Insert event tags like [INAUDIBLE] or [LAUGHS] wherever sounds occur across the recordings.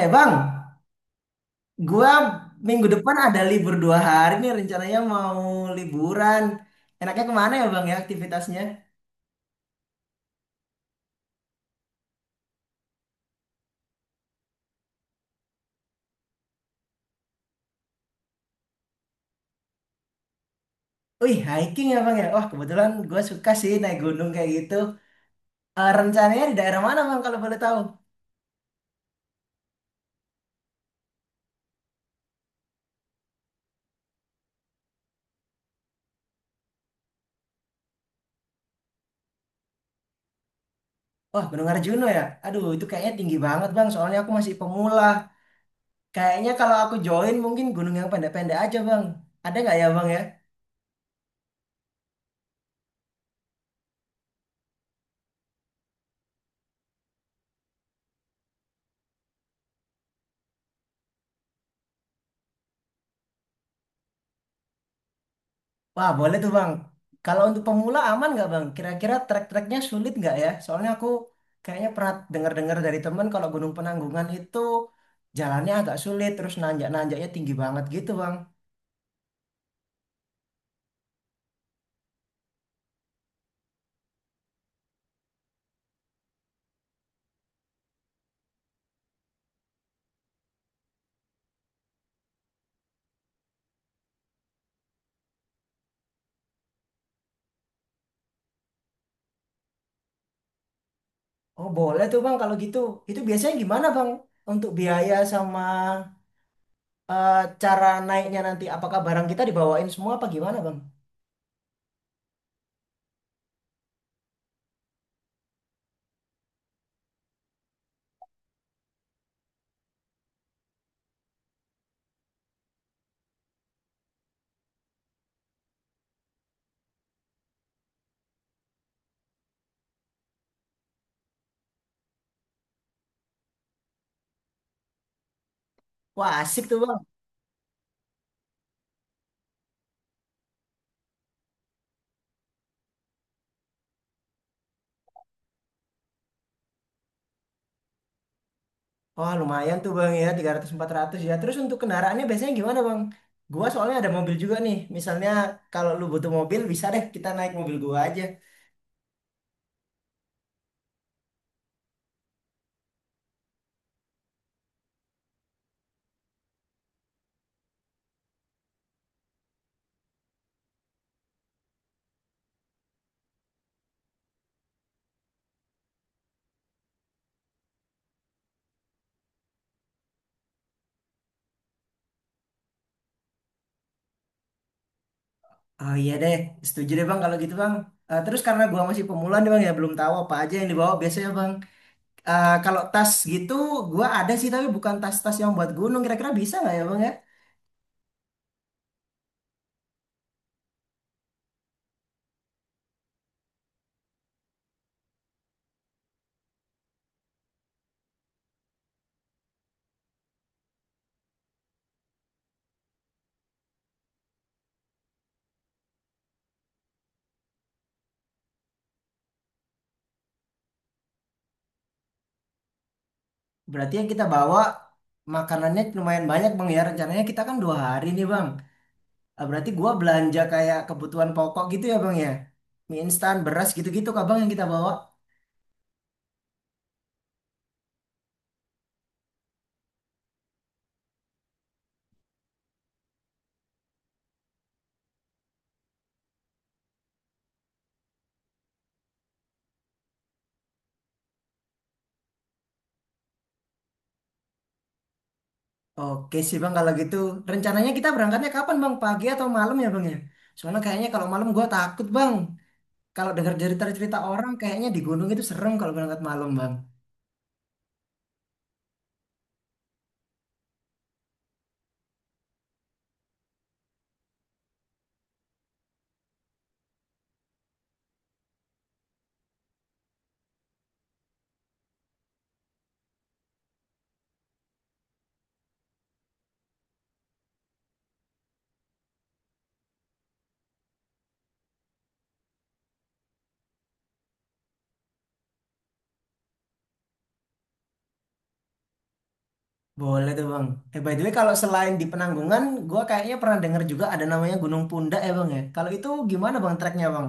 Eh bang, gua minggu depan ada libur 2 hari nih rencananya mau liburan. Enaknya kemana ya bang ya aktivitasnya? Wih hiking ya bang ya. Wah kebetulan gua suka sih naik gunung kayak gitu. Eh, rencananya di daerah mana bang kalau boleh tahu? Wah Gunung Arjuna ya. Aduh itu kayaknya tinggi banget bang. Soalnya aku masih pemula. Kayaknya kalau aku join mungkin gunung yang pendek-pendek aja bang. Ada nggak ya bang ya? Wah, boleh tuh Bang. Kalau untuk pemula aman nggak Bang? Kira-kira trek-treknya sulit nggak ya? Soalnya aku kayaknya pernah dengar-dengar dari temen kalau Gunung Penanggungan itu jalannya agak sulit, terus nanjak-nanjaknya tinggi banget gitu Bang. Oh, boleh tuh Bang kalau gitu. Itu biasanya gimana Bang? Untuk biaya sama eh, cara naiknya nanti, apakah barang kita dibawain semua apa gimana Bang? Wah, asik tuh Bang. Wah, lumayan tuh Bang ya, 300-400 ya. Terus untuk kendaraannya biasanya gimana Bang? Gua soalnya ada mobil juga nih. Misalnya kalau lu butuh mobil, bisa deh kita naik mobil gua aja. Oh iya deh, setuju deh Bang kalau gitu Bang. Eh, terus karena gua masih pemula nih Bang ya, belum tahu apa aja yang dibawa biasanya Bang. Eh, kalau tas gitu, gua ada sih tapi bukan tas-tas yang buat gunung. Kira-kira bisa nggak ya Bang ya? Berarti yang kita bawa makanannya lumayan banyak Bang ya. Rencananya kita kan 2 hari nih Bang. Ah, berarti gua belanja kayak kebutuhan pokok gitu ya bang ya? Mie instan, beras gitu-gitu kak bang yang kita bawa. Oke sih bang kalau gitu. Rencananya kita berangkatnya kapan bang? Pagi atau malam ya bang ya? Soalnya kayaknya kalau malam gua takut bang. Kalau dengar cerita-cerita orang kayaknya di gunung itu serem kalau berangkat malam bang. Boleh tuh bang. Eh by the way kalau selain di Penanggungan, gua kayaknya pernah dengar juga ada namanya Gunung Pundak ya bang ya. Kalau itu gimana bang treknya bang?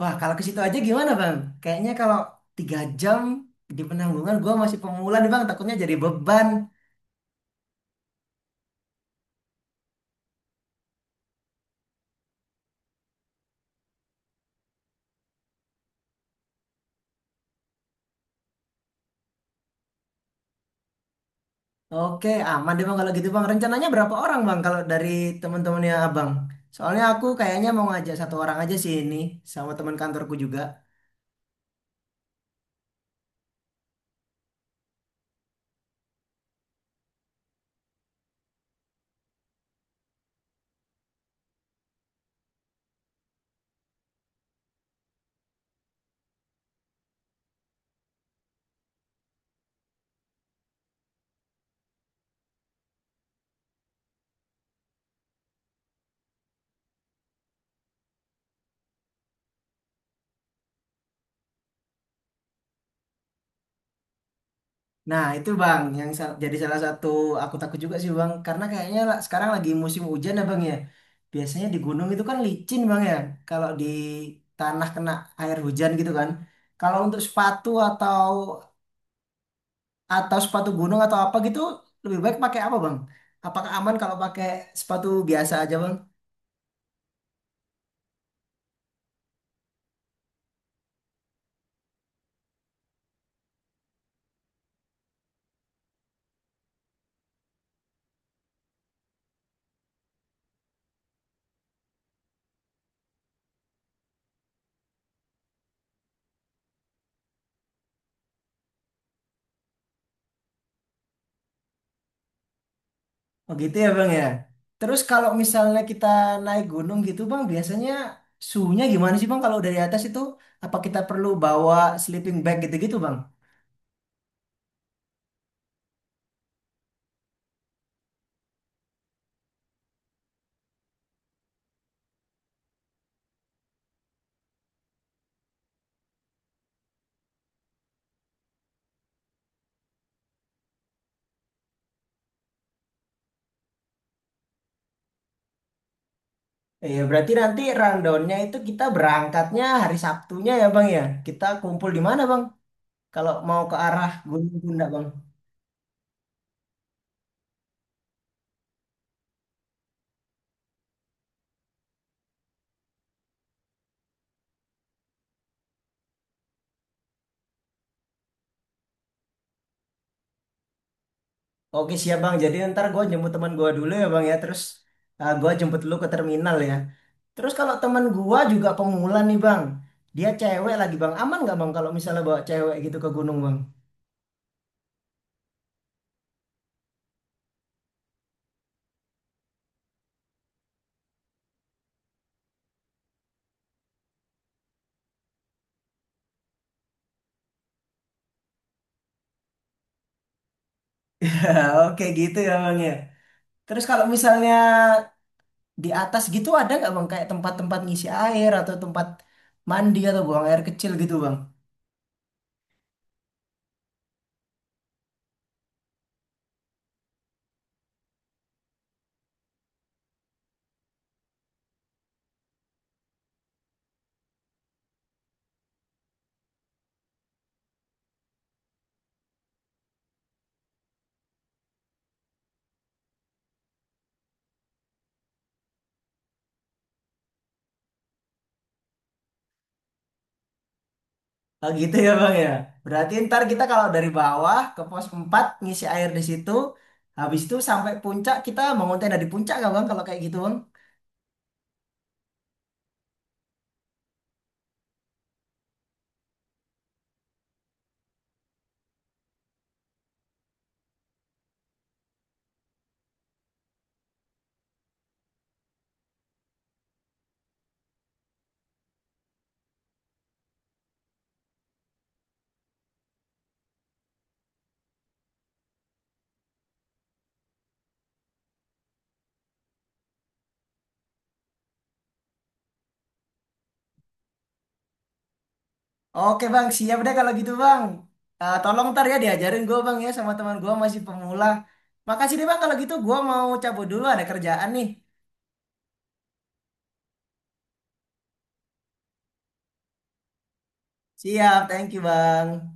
Wah, kalau ke situ aja gimana, Bang? Kayaknya kalau 3 jam di Penanggungan, gua masih pemula nih, Bang. Takutnya jadi beban. Oke, aman deh, Bang. Kalau gitu, Bang. Rencananya berapa orang, Bang? Kalau dari teman-temannya Abang. Soalnya aku kayaknya mau ngajak satu orang aja sih ini, sama teman kantorku juga. Nah, itu, Bang, yang jadi salah satu aku takut juga sih, Bang. Karena kayaknya sekarang lagi musim hujan, ya, Bang, ya. Biasanya di gunung itu kan licin, Bang, ya. Kalau di tanah kena air hujan gitu kan. Kalau untuk sepatu atau sepatu gunung atau apa gitu lebih baik pakai apa bang? Apakah aman kalau pakai sepatu biasa aja bang? Oh gitu ya bang ya. Terus kalau misalnya kita naik gunung gitu bang, biasanya suhunya gimana sih bang kalau dari atas itu? Apa kita perlu bawa sleeping bag gitu-gitu bang? Iya berarti nanti rundownnya itu kita berangkatnya hari Sabtunya ya bang ya. Kita kumpul di mana bang? Kalau mau ke arah Gunung Bunda bang. Oke siap bang, jadi ntar gue jemput teman gue dulu ya bang ya, terus gue jemput lu ke terminal ya. Terus kalau teman gue juga pemula nih bang, dia cewek lagi bang, aman nggak bang kalau misalnya bawa cewek gitu ke gunung bang? [LAUGHS] Oke gitu ya bang ya. Terus kalau misalnya di atas gitu ada nggak bang kayak tempat-tempat ngisi air atau tempat mandi atau buang air kecil gitu bang? Oh gitu ya Bang ya. Berarti ntar kita kalau dari bawah ke pos 4 ngisi air di situ, habis itu sampai puncak kita mengonten dari puncak nggak Bang kalau kayak gitu Bang? Oke Bang, siap deh kalau gitu Bang. Eh, tolong ntar ya diajarin gue Bang ya sama teman gue masih pemula. Makasih deh Bang kalau gitu gue mau cabut dulu ada kerjaan nih. Siap, thank you Bang.